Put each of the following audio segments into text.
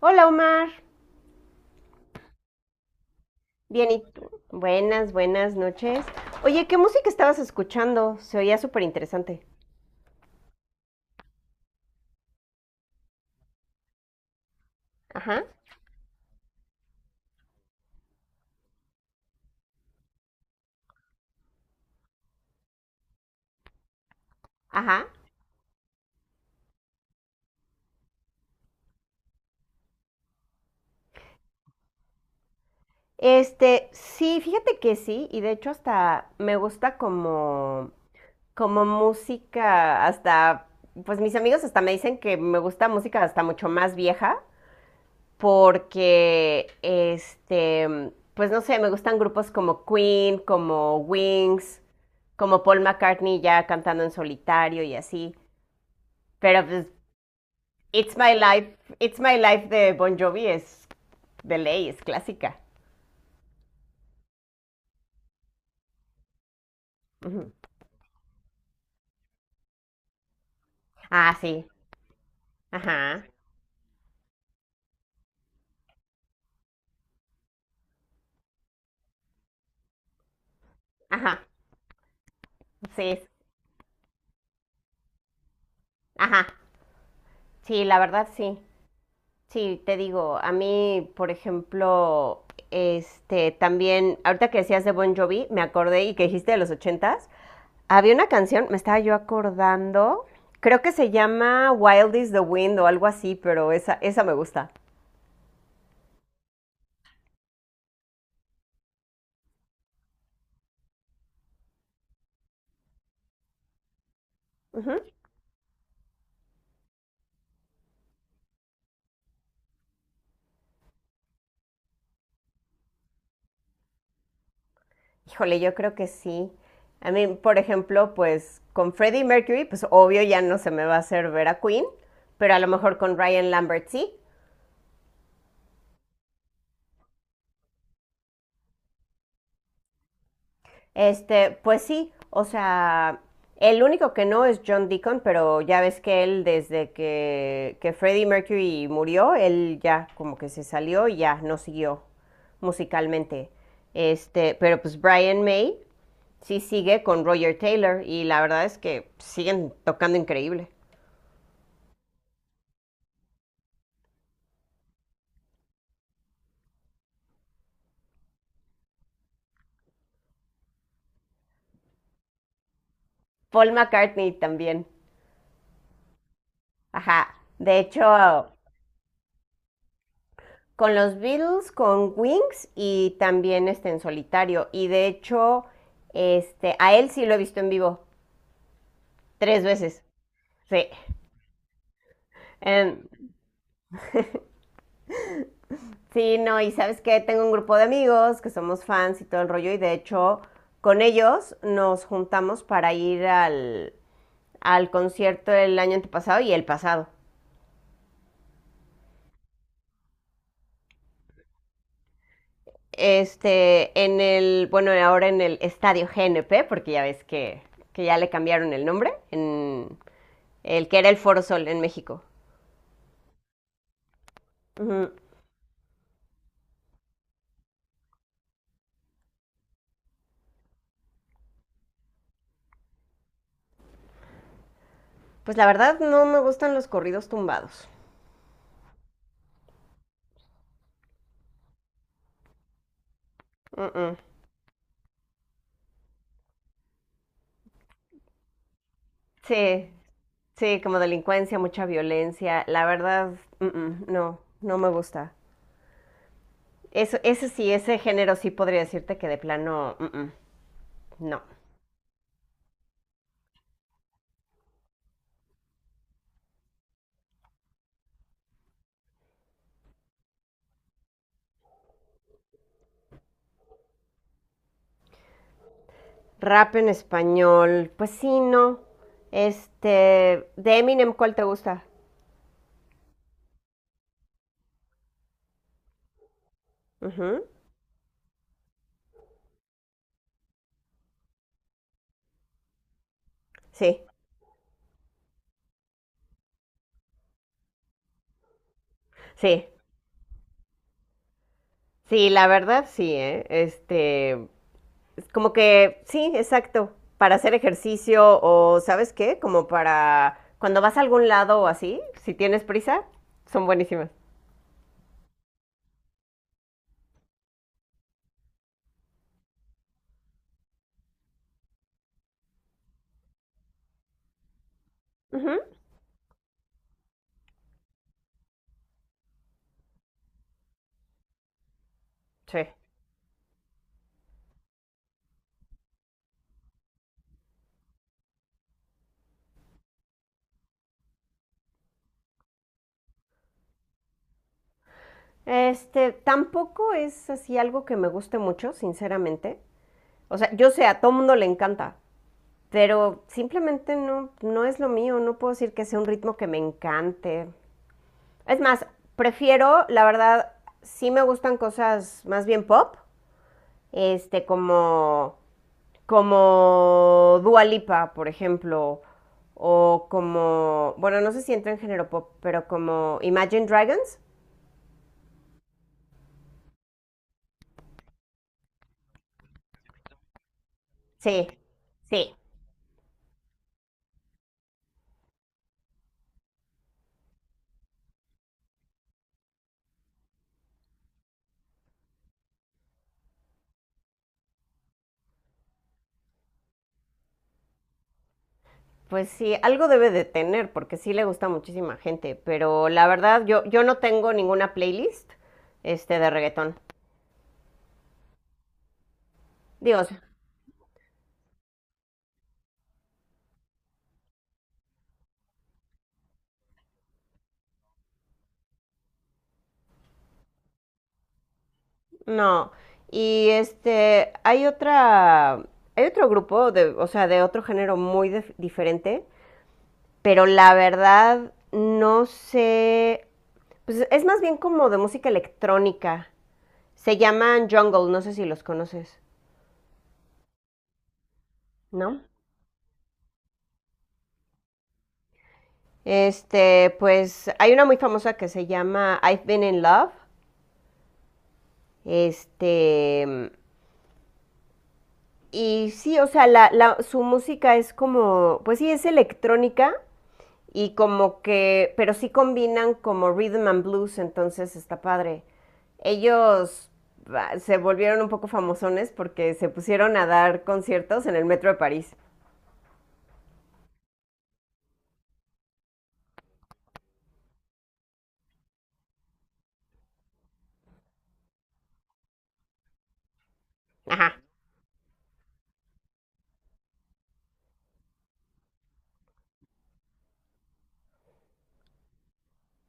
Hola Omar, bien y tú. Buenas, buenas noches. Oye, ¿qué música estabas escuchando? Se oía súper interesante. Ajá, ajá. Sí, fíjate que sí, y de hecho hasta me gusta como, como música, hasta, pues mis amigos hasta me dicen que me gusta música hasta mucho más vieja, porque, pues no sé, me gustan grupos como Queen, como Wings, como Paul McCartney ya cantando en solitario y así. Pero pues, It's My Life, It's My Life de Bon Jovi es de ley, es clásica. Ujú. Ah, sí. Ajá. Ajá. Sí, es- ajá. Sí, la verdad sí. Sí, te digo, a mí, por ejemplo, también, ahorita que decías de Bon Jovi, me acordé y que dijiste de los ochentas, había una canción, me estaba yo acordando, creo que se llama Wild is the Wind o algo así, pero esa me gusta. Híjole, yo creo que sí. A mí, por ejemplo, pues con Freddie Mercury, pues obvio ya no se me va a hacer ver a Queen, pero a lo mejor con Ryan Lambert sí. Pues sí, o sea, el único que no es John Deacon, pero ya ves que él desde que Freddie Mercury murió, él ya como que se salió y ya no siguió musicalmente. Este, pero pues Brian May sí sigue con Roger Taylor y la verdad es que siguen tocando increíble. Paul McCartney también. Ajá. De hecho, con los Beatles, con Wings y también en solitario. Y de hecho, a él sí lo he visto en vivo tres veces. Sí. Em, sí, no, y sabes que tengo un grupo de amigos que somos fans y todo el rollo, y de hecho, con ellos nos juntamos para ir al concierto el año antepasado y el pasado. Bueno, ahora en el Estadio GNP, porque ya ves que ya le cambiaron el nombre, en el que era el Foro Sol en México. Ujú. Pues la verdad no me gustan los corridos tumbados. Mm-mm. Sí, sí, como delincuencia, mucha violencia. La verdad, mm-mm, no, no me gusta. Eso, ese sí, ese género sí podría decirte que de plano, mm-mm, no. Rap en español, pues sí, no. De Eminem, ¿cuál te gusta? Ujú. Sí, sí, sí, la verdad sí, ¿eh? Es como que, sí, exacto, para hacer ejercicio o, ¿sabes qué? Como para cuando vas a algún lado o así, si tienes prisa, son buenísimas. Ujú, sí. Tampoco es así algo que me guste mucho, sinceramente. O sea, yo sé, a todo mundo le encanta, pero simplemente no, no es lo mío, no puedo decir que sea un ritmo que me encante. Es más, prefiero, la verdad, sí me gustan cosas más bien pop, como, como Dua Lipa, por ejemplo, o como, bueno, no sé si entra en género pop, pero como Imagine Dragons. Sí, sí. Pues sí, algo debe de tener, porque sí le gusta a muchísima gente, pero la verdad, yo no tengo ninguna playlist, de reggaetón. Dios, no, y hay otra, hay otro grupo de, o sea, de otro género muy diferente, pero la verdad no sé, pues es más bien como de música electrónica. Se llaman Jungle, no sé si los conoces, ¿no? Pues hay una muy famosa que se llama I've Been in Love. Este, y sí, o sea, su música es como, pues sí, es electrónica, y como que, pero sí combinan como rhythm and blues, entonces está padre. Ellos se volvieron un poco famosones porque se pusieron a dar conciertos en el metro de París. Ajá,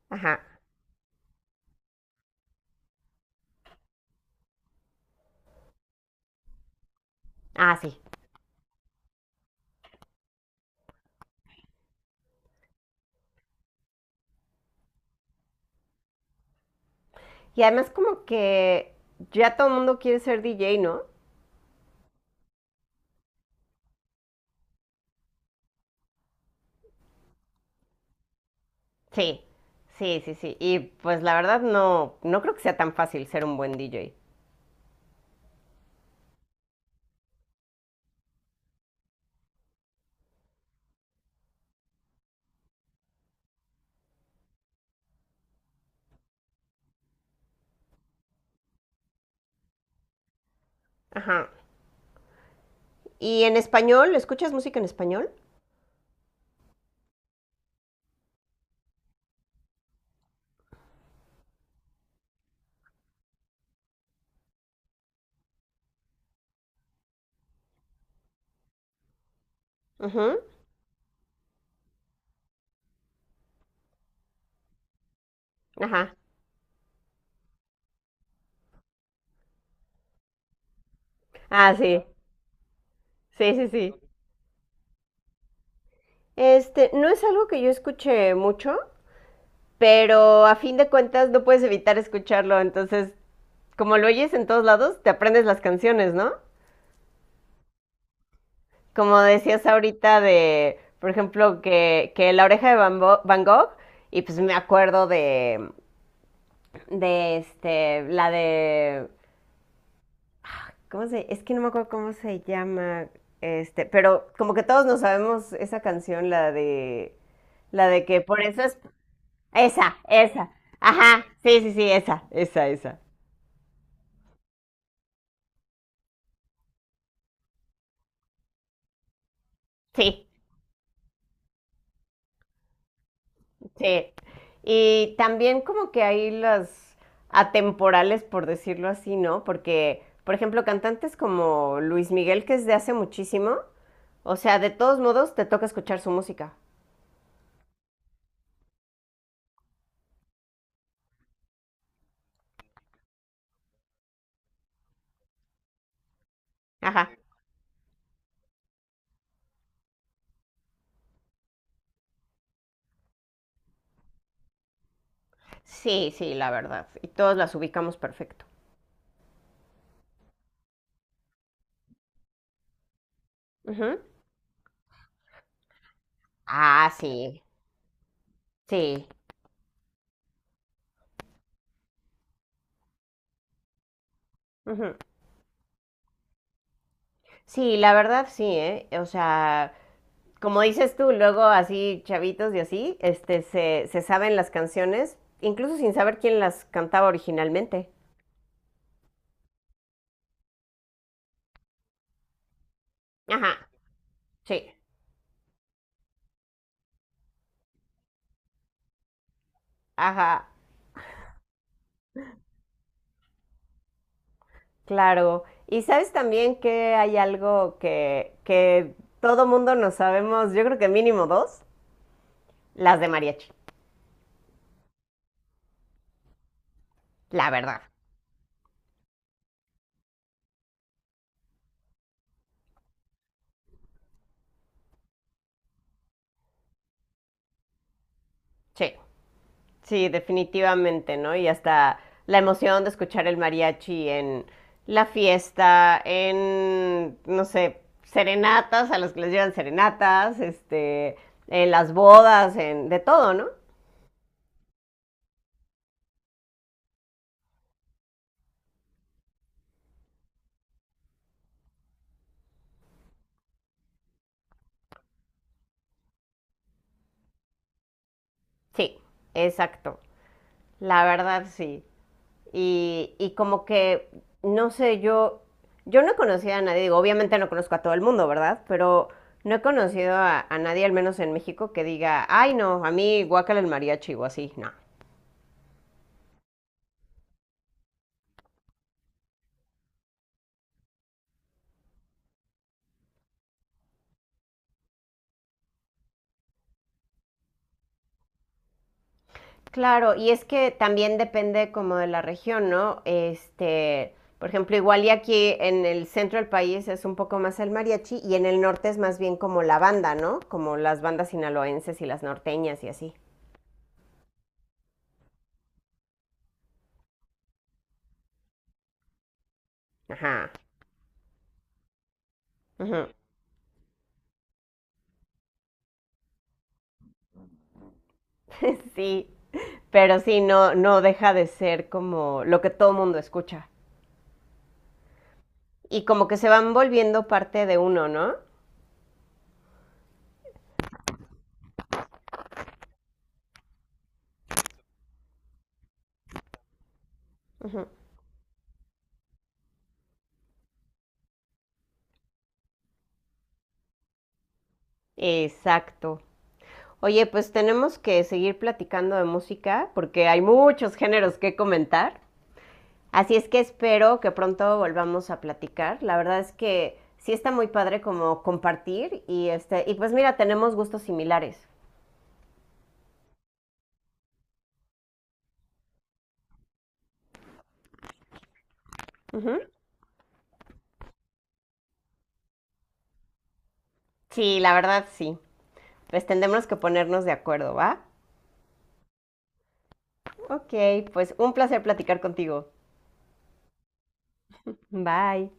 ajá. Ah, sí. Y además como que ya todo el mundo quiere ser DJ, ¿no? Sí, sí, sí, sí. Y pues la verdad no, no creo que sea tan fácil ser un buen DJ. Ajá. ¿Y en español? ¿Escuchas música en español? Ujú, ajá. Ah, sí. Sí, sí, sí. No es algo que yo escuche mucho, pero a fin de cuentas no puedes evitar escucharlo, entonces, como lo oyes en todos lados, te aprendes las canciones, ¿no? Como decías ahorita de, por ejemplo, que La oreja de Van, Van Gogh, y pues me acuerdo de la de, ¿cómo se? Es que no me acuerdo cómo se llama, pero como que todos nos sabemos esa canción, la de... La de que por esas esa, esa. Ajá, sí, sí, sí, esa, esa, esa. Sí, sí. Y también como que hay las atemporales, por decirlo así, ¿no? Porque, por ejemplo, cantantes como Luis Miguel, que es de hace muchísimo, o sea, de todos modos te toca escuchar su música. Ajá. Sí, sí, la verdad. Y todos las ubicamos perfecto. Ujú. Ah, sí, sí. Ujú. Sí, la verdad sí, ¿eh? O sea, como dices tú, luego así chavitos y así, se saben las canciones, incluso sin saber quién las cantaba originalmente. Ajá, sí, ajá, claro. Y sabes también que hay algo que todo mundo nos sabemos, yo creo que mínimo dos, las de mariachi, la verdad, sí. Sí, definitivamente, ¿no? Y hasta la emoción de escuchar el mariachi en la fiesta, en, no sé, serenatas, a los que les llevan serenatas, en las bodas, en, de todo, ¿no? Sí, exacto. La verdad, sí. Y como que, no sé, yo no he conocido a nadie, digo, obviamente no conozco a todo el mundo, ¿verdad? Pero no he conocido a nadie, al menos en México, que diga, ay, no, a mí guácala el mariachi o así, no. Claro, y es que también depende como de la región, ¿no? Por ejemplo, igual y aquí en el centro del país es un poco más el mariachi y en el norte es más bien como la banda, ¿no? Como las bandas sinaloenses y las norteñas y así. Ajá. Ujú. Sí, pero sí, no, no deja de ser como lo que todo mundo escucha. Y como que se van volviendo parte de uno, ¿no? Ujú. Exacto. Oye, pues tenemos que seguir platicando de música porque hay muchos géneros que comentar. Así es que espero que pronto volvamos a platicar. La verdad es que sí está muy padre como compartir y y pues mira, tenemos gustos similares. Ujú. Sí, la verdad sí. Pues tendremos que ponernos de acuerdo, ¿va? Ok, pues un placer platicar contigo. Bye.